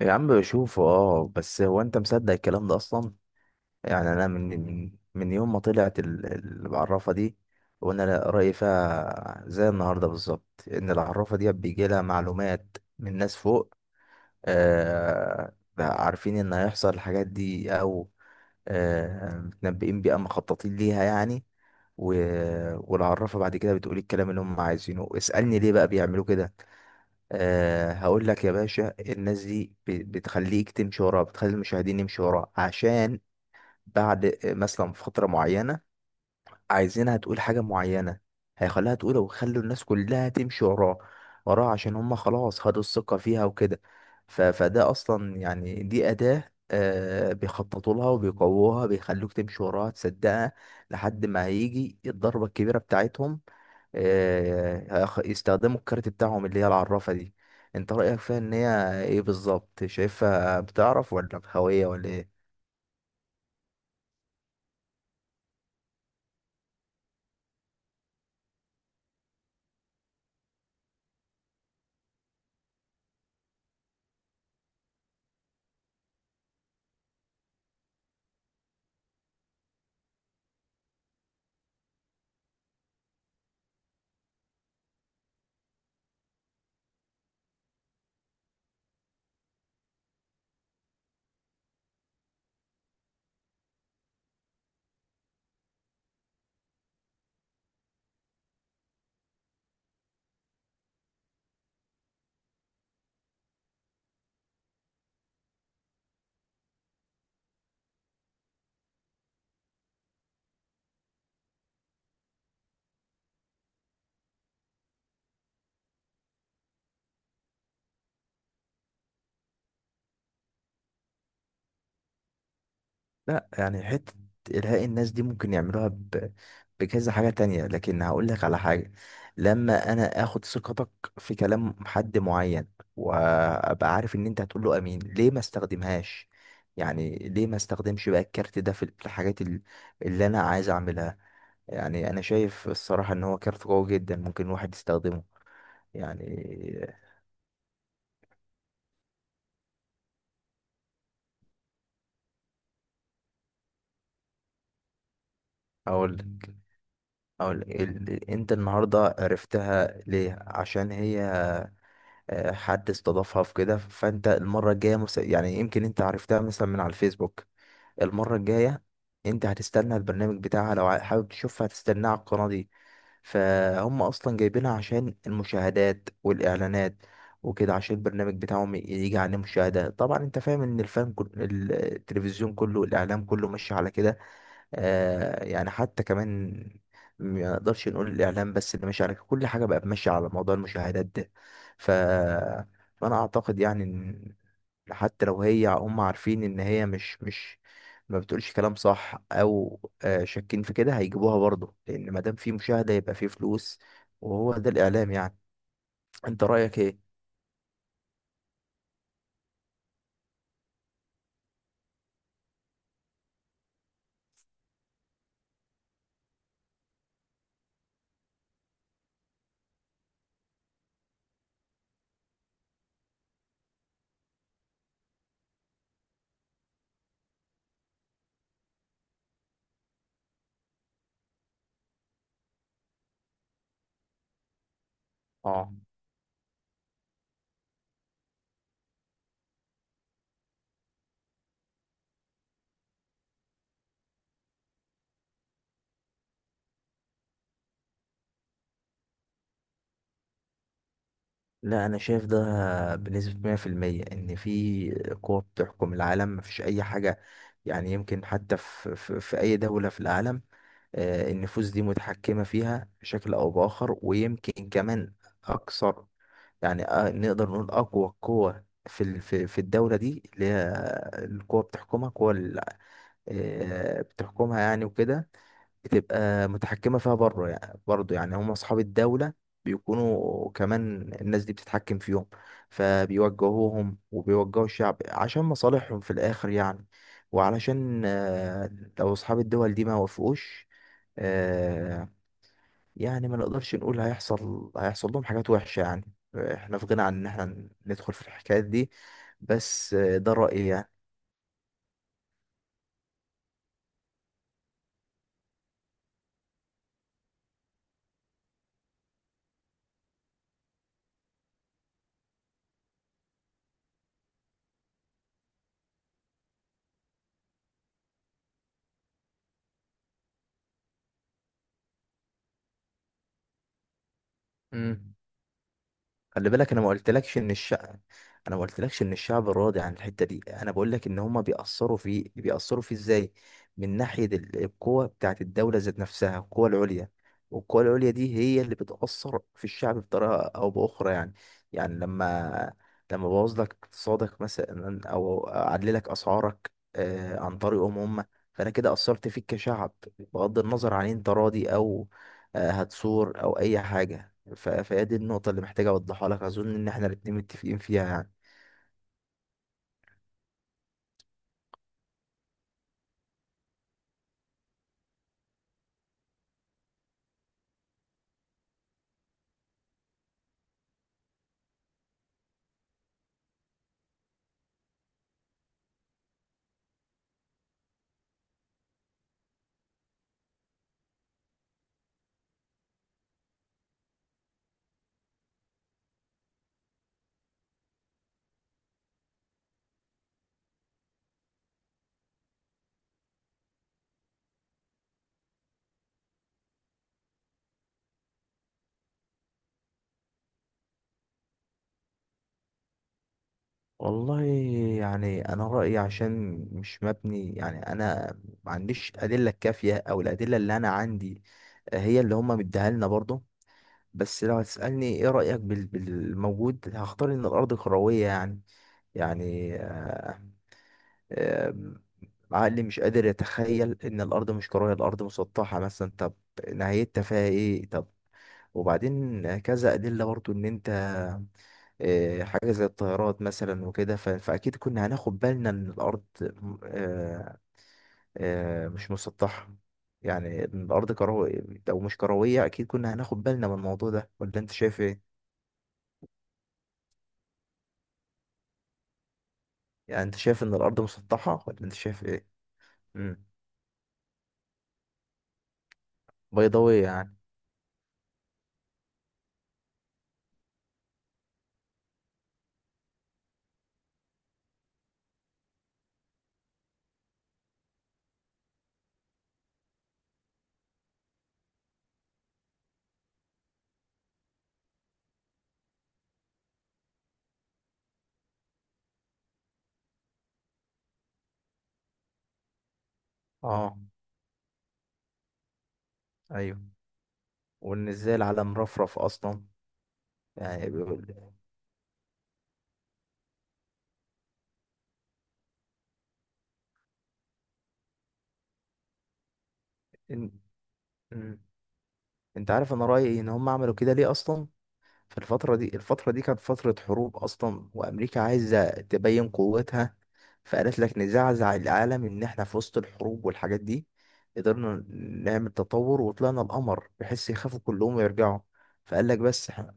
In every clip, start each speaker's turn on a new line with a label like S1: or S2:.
S1: يا عم بشوفه، اه، بس هو انت مصدق الكلام ده اصلا؟ يعني انا من يوم ما طلعت العرافه دي وانا رايي فيها زي النهارده بالظبط، ان العرافه دي بيجي لها معلومات من ناس فوق. آه، عارفين ان هيحصل الحاجات دي، او متنبئين بيها، مخططين ليها يعني. و... والعرافة بعد كده بتقول الكلام اللي هم عايزينه. اسألني ليه بقى بيعملوا كده؟ أه، هقول لك يا باشا، الناس دي بتخليك تمشي وراها، بتخلي المشاهدين يمشوا وراها عشان بعد مثلا في فترة معينة عايزينها تقول حاجة معينة، هيخليها تقولها ويخلوا الناس كلها تمشي وراه عشان هم خلاص خدوا الثقة فيها وكده. فده أصلا يعني دي أداة، آه، بيخططوا لها وبيقووها، بيخلوك تمشي وراها، تصدقها لحد ما هيجي الضربة الكبيرة بتاعتهم. آه، يستخدموا الكارت بتاعهم اللي هي العرافة دي. انت رأيك فيها ان هي ايه بالظبط؟ شايفها بتعرف، ولا بخوية، ولا ايه؟ لا، يعني حتة إلهاء الناس دي ممكن يعملوها بكذا حاجة تانية، لكن هقول لك على حاجة. لما أنا آخد ثقتك في كلام حد معين وأبقى عارف إن أنت هتقول له أمين، ليه ما استخدمهاش؟ يعني ليه ما استخدمش بقى الكارت ده في اللي أنا عايز أعملها؟ يعني أنا شايف الصراحة إن هو كارت قوي جدا ممكن الواحد يستخدمه يعني. أقول لك أقول لك أنت النهاردة عرفتها ليه؟ عشان هي، آه، حد استضافها في كده. فانت المره الجايه، يعني يمكن انت عرفتها مثلا من على الفيسبوك. المره الجايه انت هتستنى البرنامج بتاعها لو حابب تشوفها، هتستناه على القناه دي. فهم اصلا جايبينها عشان المشاهدات والاعلانات وكده، عشان البرنامج بتاعهم يجي عليه مشاهده. طبعا انت فاهم ان التلفزيون كله، الاعلام كله ماشي على كده. آه، يعني حتى كمان ما نقدرش نقول الإعلام بس اللي ماشي على كده. كل حاجة بقى ماشية على موضوع المشاهدات ده. ف... فأنا أعتقد يعني إن حتى لو هي، هم عارفين إن هي مش ما بتقولش كلام صح، أو آه، شاكين في كده، هيجيبوها برضه، لأن ما دام في مشاهدة يبقى في فلوس. وهو ده الإعلام يعني. أنت رأيك إيه؟ اه. لا، انا شايف ده بنسبة 100%، ان في قوة بتحكم العالم، مفيش اي حاجة يعني، يمكن حتى في اي دولة في العالم، آه، النفوس دي متحكمة فيها بشكل او باخر، ويمكن كمان اكثر. يعني آه، نقدر نقول اقوى قوة في ال- في في الدولة دي، اللي هي القوة بتحكمها، قوة آه، بتحكمها يعني وكده، بتبقى متحكمة فيها بره يعني. برضه يعني هم أصحاب الدولة بيكونوا كمان الناس دي بتتحكم فيهم، فبيوجهوهم وبيوجهوا الشعب عشان مصالحهم في الآخر يعني. وعلشان آه، لو أصحاب الدول دي ما وافقوش، آه، يعني ما نقدرش نقول هيحصل لهم حاجات وحشة يعني، احنا في غنى عن ان احنا ندخل في الحكايات دي. بس آه، ده رأيي يعني. مم. خلي بالك انا ما قلتلكش ان الشعب، انا ما قلتلكش ان الشعب راضي عن الحته دي، انا بقول لك ان هما بيأثروا فيه ازاي؟ من ناحيه القوه بتاعت الدوله ذات نفسها، القوه العليا. والقوه العليا دي هي اللي بتأثر في الشعب بطريقه او باخرى يعني. يعني لما بوظ لك اقتصادك مثلا، او اعلي لك اسعارك، آه، عن طريقهم هم، فانا كده اثرت فيك كشعب، بغض النظر عن انت راضي او آه، هتثور او اي حاجه. فهي دي النقطة اللي محتاج أوضحها لك، أظن إن إحنا الاتنين متفقين فيها يعني. والله يعني أنا رأيي، عشان مش مبني، يعني أنا ما عنديش أدلة كافية، أو الأدلة اللي أنا عندي هي اللي هما مديها لنا برضه. بس لو هتسألني إيه رأيك بالموجود، هختار إن الأرض كروية يعني. يعني آه، آم، عقلي مش قادر يتخيل ان الارض مش كرويه، الارض مسطحه مثلا. طب نهايتها فيها ايه؟ طب وبعدين كذا ادله برضو ان انت، آه، حاجه زي الطيارات مثلا وكده، فاكيد كنا هناخد بالنا ان الارض، آه، آه، مش مسطحه، يعني إن الارض كرويه. او مش كرويه اكيد كنا هناخد بالنا من الموضوع ده، ولا انت شايف ايه؟ يعني انت شايف ان الارض مسطحه، ولا انت شايف ايه؟ امم، بيضاويه يعني؟ اه. ايوه، وان ازاي العالم رفرف اصلا. يعني بيقول إن... مم. انت عارف انا رايي ان هم عملوا كده ليه اصلا؟ في الفتره دي، الفتره دي كانت فتره حروب اصلا، وامريكا عايزه تبين قوتها، فقالت لك نزعزع العالم ان احنا في وسط الحروب والحاجات دي قدرنا نعمل تطور وطلعنا القمر، بحيث يخافوا كلهم ويرجعوا. فقال لك بس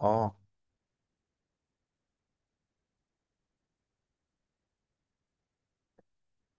S1: اه.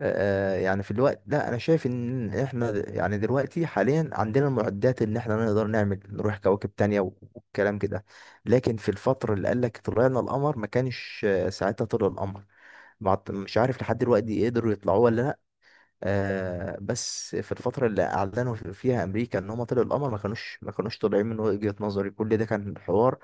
S1: آه، يعني في الوقت، لا انا شايف ان احنا يعني دلوقتي حاليا عندنا المعدات ان احنا نقدر نعمل، نروح كواكب تانية والكلام كده. لكن في الفترة اللي قال لك طلعنا القمر، ما كانش، آه، ساعتها طلع القمر، مش عارف لحد دلوقتي قدروا يطلعوه ولا لا. آه، بس في الفترة اللي اعلنوا فيها امريكا ان هم طلعوا القمر، ما كانوش طالعين من وجهة نظري. كل ده كان حوار،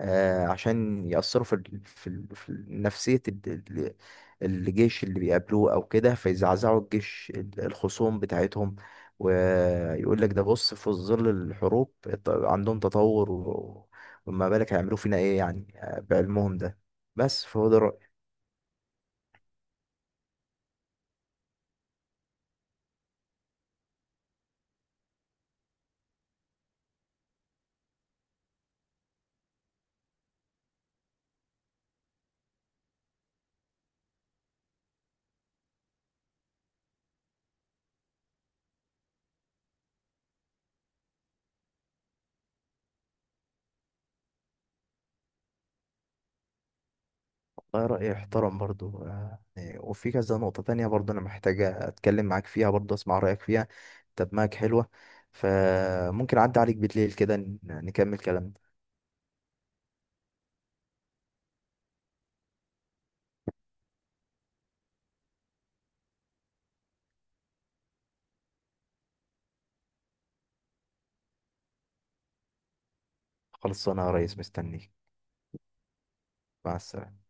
S1: آه، عشان يأثروا في نفسية ال- الجيش اللي بيقابلوه أو كده، فيزعزعوا الجيش الخصوم بتاعتهم، ويقول لك ده بص في ظل الحروب عندهم تطور وما بالك هيعملوا فينا إيه يعني، آه، بعلمهم ده. بس فهو ده رأيي. ده رأيي احترم برضو، آه، يعني، وفي كذا نقطة تانية برضو أنا محتاج أتكلم معاك فيها، برضو أسمع رأيك فيها. طب معاك حلوة؟ فممكن أعدي عليك بالليل كده نكمل كلامنا. خلص انا يا ريس مستنيك. مع السلامة.